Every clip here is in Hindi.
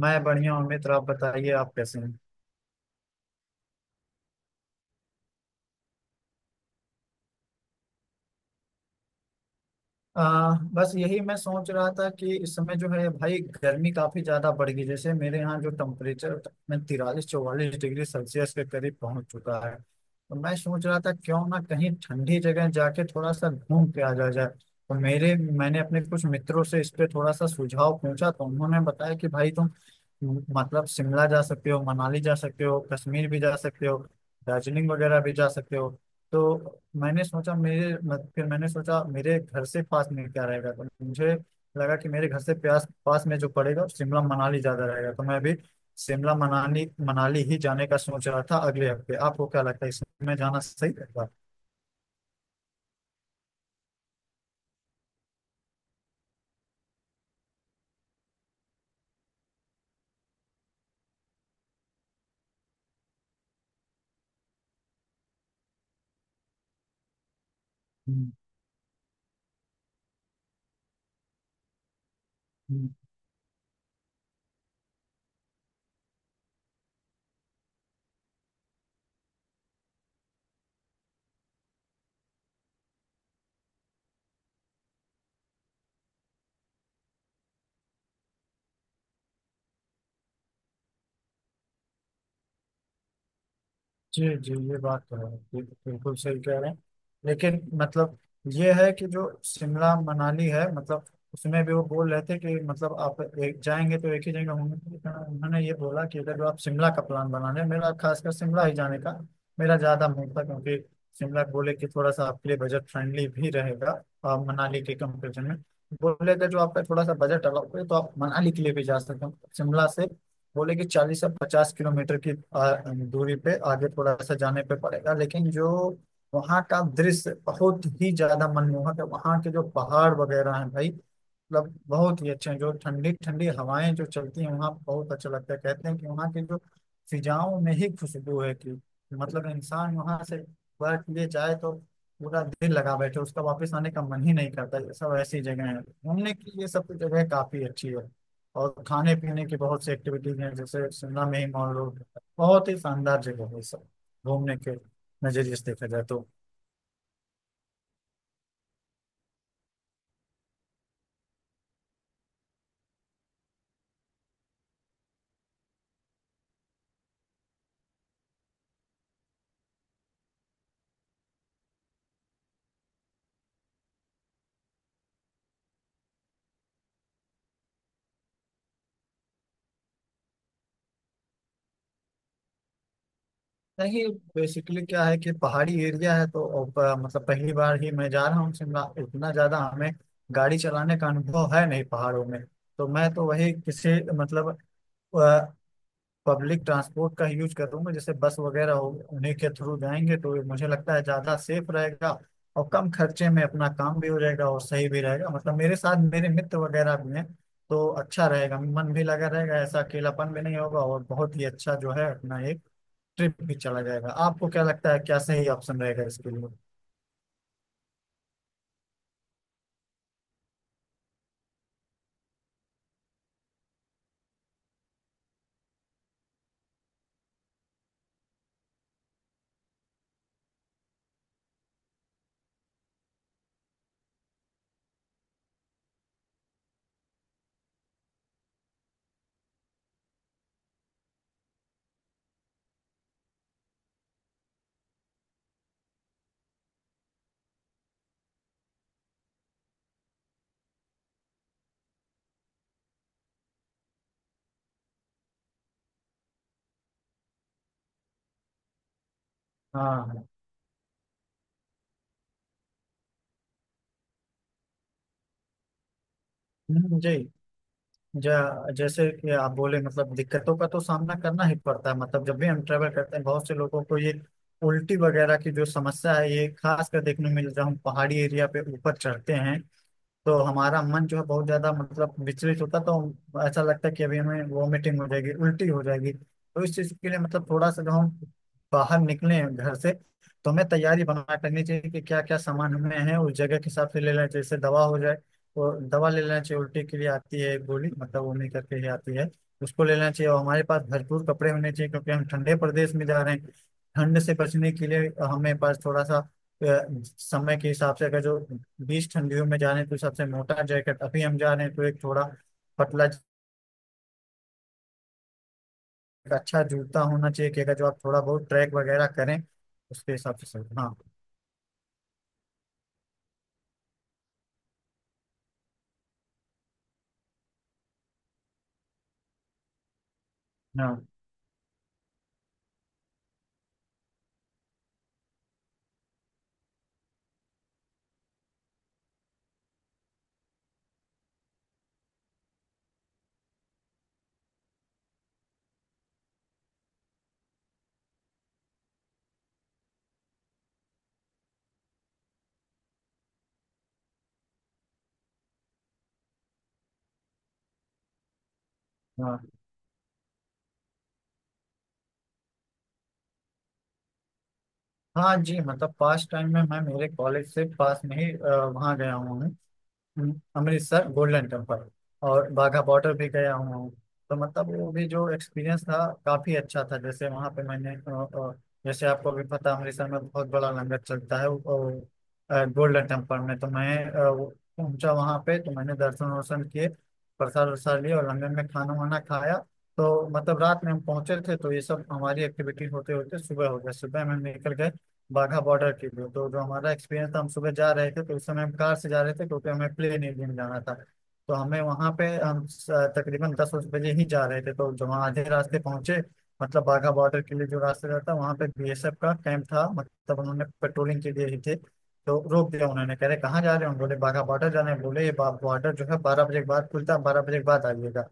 मैं बढ़िया हूँ मित्र। आप बताइए, आप कैसे हैं? बस यही मैं सोच रहा था कि इस समय जो है भाई गर्मी काफी ज्यादा बढ़ गई। जैसे मेरे यहाँ जो टेम्परेचर में 43-44 डिग्री सेल्सियस के करीब पहुंच चुका है। तो मैं सोच रहा था क्यों ना कहीं ठंडी जगह जाके थोड़ा सा घूम के आ जाया जाए। तो मेरे मैंने अपने कुछ मित्रों से इस पे थोड़ा सा सुझाव पूछा। तो उन्होंने बताया कि भाई तुम मतलब शिमला जा सकते हो, मनाली जा सकते हो, कश्मीर भी जा सकते हो, दार्जिलिंग वगैरह भी जा सकते हो। तो मैंने सोचा मेरे मत, फिर मैंने सोचा मेरे घर से पास में क्या रहेगा, तो मुझे लगा कि मेरे घर से प्यास पास में जो पड़ेगा शिमला मनाली ज्यादा रहेगा। तो मैं अभी शिमला मनाली मनाली ही जाने का सोच रहा था अगले हफ्ते। आपको क्या लगता है इसमें जाना सही रहेगा? हम्म, जी जी, ये बात तो है, ये तो बिल्कुल सही कह रहे हैं। लेकिन मतलब ये है कि जो शिमला मनाली है मतलब उसमें भी वो बोल रहे थे कि मतलब आप एक जाएंगे तो एक ही जगह होंगे, लेकिन उन्होंने ये बोला कि अगर जो आप शिमला का प्लान बना रहे हैं, मेरा खासकर शिमला ही जाने का मेरा ज्यादा मन था क्योंकि शिमला बोले कि थोड़ा सा आपके लिए बजट फ्रेंडली भी रहेगा मनाली के कंपेरिजन में। बोले अगर जो आपका थोड़ा सा बजट अलग है तो आप मनाली के लिए भी जा सकते हो शिमला से। बोले कि 40 से 50 किलोमीटर की आ, दूरी पे आगे थोड़ा सा जाने पे पड़ेगा। लेकिन जो वहाँ का दृश्य बहुत ही ज्यादा मनमोहक है, वहाँ के जो पहाड़ वगैरह हैं भाई मतलब बहुत ही अच्छे हैं, जो ठंडी ठंडी हवाएं जो चलती हैं वहाँ बहुत अच्छा लगता है। कहते हैं कि वहाँ के जो फिजाओं में ही खुशबू है कि मतलब इंसान वहाँ से बैठ लिए जाए तो पूरा दिल लगा बैठे, उसका वापस आने का मन ही नहीं करता। ये सब ऐसी जगह है घूमने की, ये सब जगह काफी अच्छी है और खाने पीने की बहुत सी एक्टिविटीज हैं, जैसे शिमला में ही मान लो बहुत ही शानदार जगह है सब घूमने के नजरिए से देखा जाए तो। नहीं, बेसिकली क्या है कि पहाड़ी एरिया है तो अब, मतलब पहली बार ही मैं जा रहा हूँ शिमला, इतना ज्यादा हमें गाड़ी चलाने का अनुभव है नहीं पहाड़ों में। तो मैं तो वही किसी मतलब पब्लिक ट्रांसपोर्ट का यूज करूंगा, जैसे बस वगैरह हो, उन्हीं के थ्रू जाएंगे तो मुझे लगता है ज्यादा सेफ रहेगा और कम खर्चे में अपना काम भी हो जाएगा और सही भी रहेगा। मतलब मेरे साथ मेरे मित्र वगैरह भी हैं तो अच्छा रहेगा, मन भी लगा रहेगा, ऐसा अकेलापन भी नहीं होगा, और बहुत ही अच्छा जो है अपना एक ट्रिप भी चला जाएगा। आपको क्या लगता है, क्या सही ऑप्शन रहेगा इसके लिए? हाँ हाँ। जी। जैसे कि आप बोले मतलब दिक्कतों का तो सामना करना ही पड़ता है। मतलब जब भी हम ट्रेवल करते हैं बहुत से लोगों को ये उल्टी वगैरह की जो समस्या है, ये खास कर देखने में मिल रहा हूँ पहाड़ी एरिया पे ऊपर चढ़ते हैं तो हमारा मन जो है बहुत ज्यादा मतलब विचलित होता है, तो ऐसा लगता है कि अभी हमें वॉमिटिंग हो जाएगी, उल्टी हो जाएगी। तो इस चीज के लिए मतलब थोड़ा सा जब हम बाहर निकले घर से तो हमें तैयारी बना करनी चाहिए कि क्या क्या सामान हमें है उस जगह के हिसाब से ले लेना चाहिए। जैसे दवा हो जाए तो दवा ले लेना चाहिए, उल्टी के लिए आती है एक गोली मतलब वोमिट करके ही आती है, उसको ले लेना चाहिए। और हमारे पास भरपूर कपड़े होने चाहिए क्योंकि हम ठंडे प्रदेश में जा रहे हैं, ठंड से बचने के लिए हमें पास थोड़ा सा अ, समय के हिसाब से अगर जो बीस ठंडियों में जा रहे हैं तो सबसे मोटा जैकेट, अभी हम जा रहे हैं तो एक थोड़ा पतला। एक अच्छा जूता होना चाहिए कि अगर जो आप थोड़ा बहुत ट्रैक वगैरह करें, उसके हिसाब से सही। हाँ हाँ हाँ। हाँ जी, मतलब पास टाइम में मैं मेरे कॉलेज से पास में ही वहाँ गया हुआ हूँ। अमृतसर गोल्डन टेम्पल और बाघा बॉर्डर भी गया हूँ। तो मतलब वो भी जो एक्सपीरियंस था काफी अच्छा था। जैसे वहाँ पे मैंने अ, जैसे आपको भी पता अमृतसर में बहुत बड़ा लंगर चलता है। वो, गोल्डन टेम्पल में तो मैं वो पहुंचा वहाँ पे, तो मैंने दर्शन वर्शन किए, प्रसाद वरसाद लिए और लंगर में खाना वाना खाया। तो मतलब रात में हम पहुंचे थे तो ये सब हमारी एक्टिविटी होते होते सुबह हो गया। सुबह में हम निकल गए बाघा बॉर्डर के लिए। तो जो हमारा एक्सपीरियंस था, हम सुबह जा रहे थे तो उस समय हम कार से जा रहे थे क्योंकि हमें प्लेन एरिया में जाना था। तो हमें वहां पे तकरीबन 10 बजे ही जा रहे थे। तो जब वहाँ आधे रास्ते पहुंचे मतलब बाघा बॉर्डर के लिए जो रास्ते जाता वहाँ पे बीएसएफ का कैंप था, मतलब उन्होंने पेट्रोलिंग के लिए ही थे, तो रोक दिया। उन्होंने कह रहे कहाँ जा रहे हो, हम बोले बाघा बॉर्डर जाना है, बोले ये बॉर्डर जो है 12 बजे के बाद खुलता है, 12 बजे के बाद आइएगा।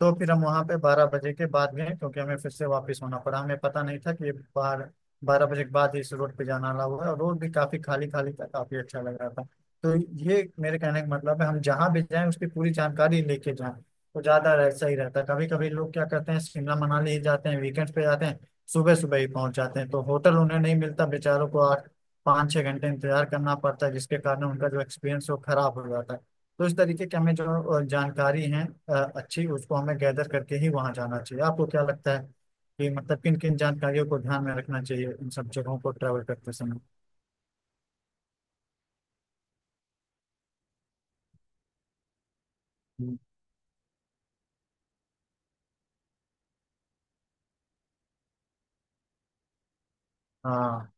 तो फिर हम वहां पे 12 बजे के बाद गए, क्योंकि हमें फिर से वापस होना पड़ा, हमें पता नहीं था कि ये 12 बजे के बाद इस रोड पे जाना अलाउ हुआ है। और रोड भी काफी खाली खाली था, काफी अच्छा लग रहा था। तो ये मेरे कहने का मतलब है हम जहाँ भी जाएं उसकी पूरी जानकारी लेके जाएं। तो ज्यादा ऐसा ही रहता है, कभी कभी लोग क्या करते हैं शिमला मनाली ही जाते हैं वीकेंड पे जाते हैं, सुबह सुबह ही पहुंच जाते हैं तो होटल उन्हें नहीं मिलता, बेचारों को 8 5-6 घंटे इंतजार करना पड़ता है जिसके कारण उनका जो एक्सपीरियंस वो खराब हो जाता है। तो इस तरीके की हमें जो जानकारी है अच्छी उसको हमें गैदर करके ही वहां जाना चाहिए। आपको क्या लगता है कि मतलब किन किन जानकारियों को ध्यान में रखना चाहिए इन सब जगहों को ट्रैवल करते समय? हम्म, हाँ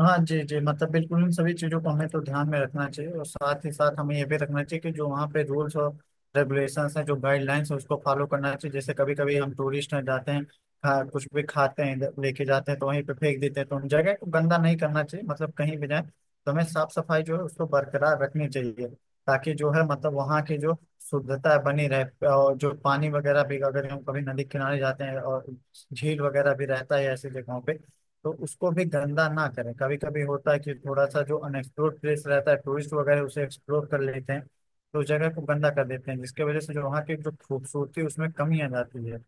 हाँ। जी जी, मतलब बिल्कुल इन सभी चीज़ों को हमें तो ध्यान में रखना चाहिए और साथ ही साथ हमें ये भी रखना चाहिए कि जो वहाँ पे रूल्स और रेगुलेशंस हैं, जो गाइडलाइंस है, उसको फॉलो करना चाहिए। जैसे कभी कभी हम टूरिस्ट हैं जाते हैं, कुछ भी खाते हैं इधर लेके जाते हैं तो वहीं पे फेंक देते हैं, तो उन जगह को गंदा नहीं करना चाहिए। मतलब कहीं भी जाए तो हमें साफ सफाई जो है उसको बरकरार रखनी चाहिए, ताकि जो है मतलब वहाँ की जो शुद्धता है बनी रहे। और जो पानी वगैरह भी अगर हम कभी नदी किनारे जाते हैं और झील वगैरह भी रहता है ऐसी जगहों पे, तो उसको भी गंदा ना करें। कभी कभी होता है कि थोड़ा सा जो अनएक्सप्लोर्ड प्लेस रहता है टूरिस्ट वगैरह उसे एक्सप्लोर कर लेते हैं, तो उस जगह को गंदा कर देते हैं, जिसकी वजह से जो वहाँ की जो खूबसूरती है, उसमें कमी आ जाती है।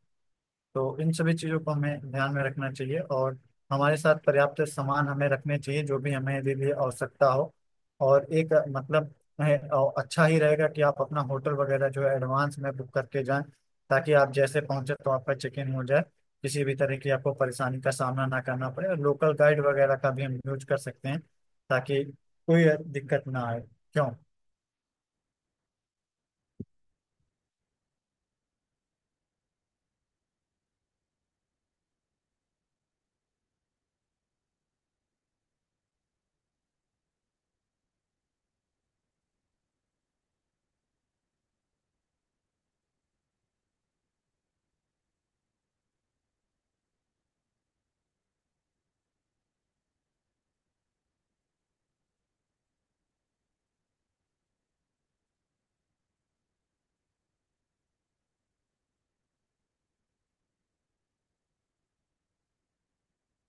तो इन सभी चीज़ों को हमें ध्यान में रखना चाहिए और हमारे साथ पर्याप्त सामान हमें रखने चाहिए, जो भी हमें यदि भी आवश्यकता हो। और एक मतलब है, अच्छा ही रहेगा कि आप अपना होटल वगैरह जो है एडवांस में बुक करके जाएं, ताकि आप जैसे पहुंचे तो आपका चेक इन हो जाए, किसी भी तरह की आपको परेशानी का सामना ना करना पड़े। और लोकल गाइड वगैरह का भी हम यूज कर सकते हैं, ताकि कोई दिक्कत ना आए। क्यों?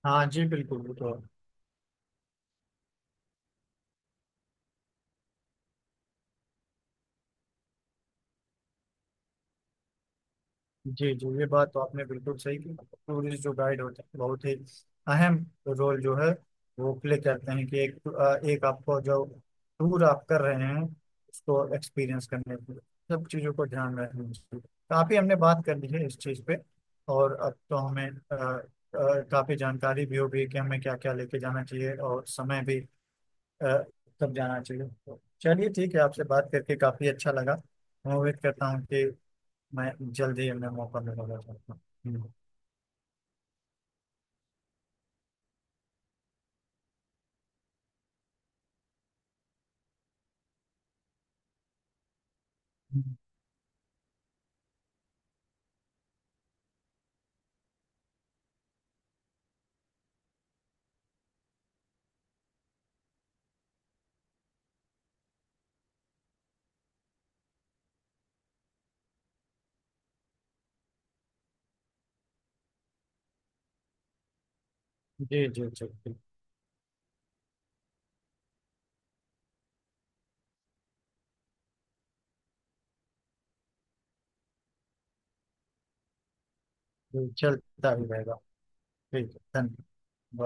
हाँ जी बिल्कुल बिल्कुल। जी जी, ये बात तो आपने बिल्कुल सही की। टूरिस्ट जो गाइड होते हैं बहुत ही अहम रोल जो है वो प्ले करते हैं कि एक एक आपको जो टूर आप कर रहे हैं उसको एक्सपीरियंस करने के लिए सब चीज़ों को ध्यान रखना चाहिए। काफ़ी हमने बात कर ली है इस चीज़ पे और अब तो हमें काफ़ी जानकारी भी हो गई कि हमें क्या क्या लेके जाना चाहिए और समय भी अ, कब जाना चाहिए। तो चलिए ठीक है, आपसे बात करके काफ़ी अच्छा लगा। मैं उम्मीद करता हूँ कि मैं जल्दी ही मैं मौका मिलेगा तो आपको। हम्म। जी जी जी। जी। चलता ही रहेगा। ठीक है, धन्यवाद। बाय।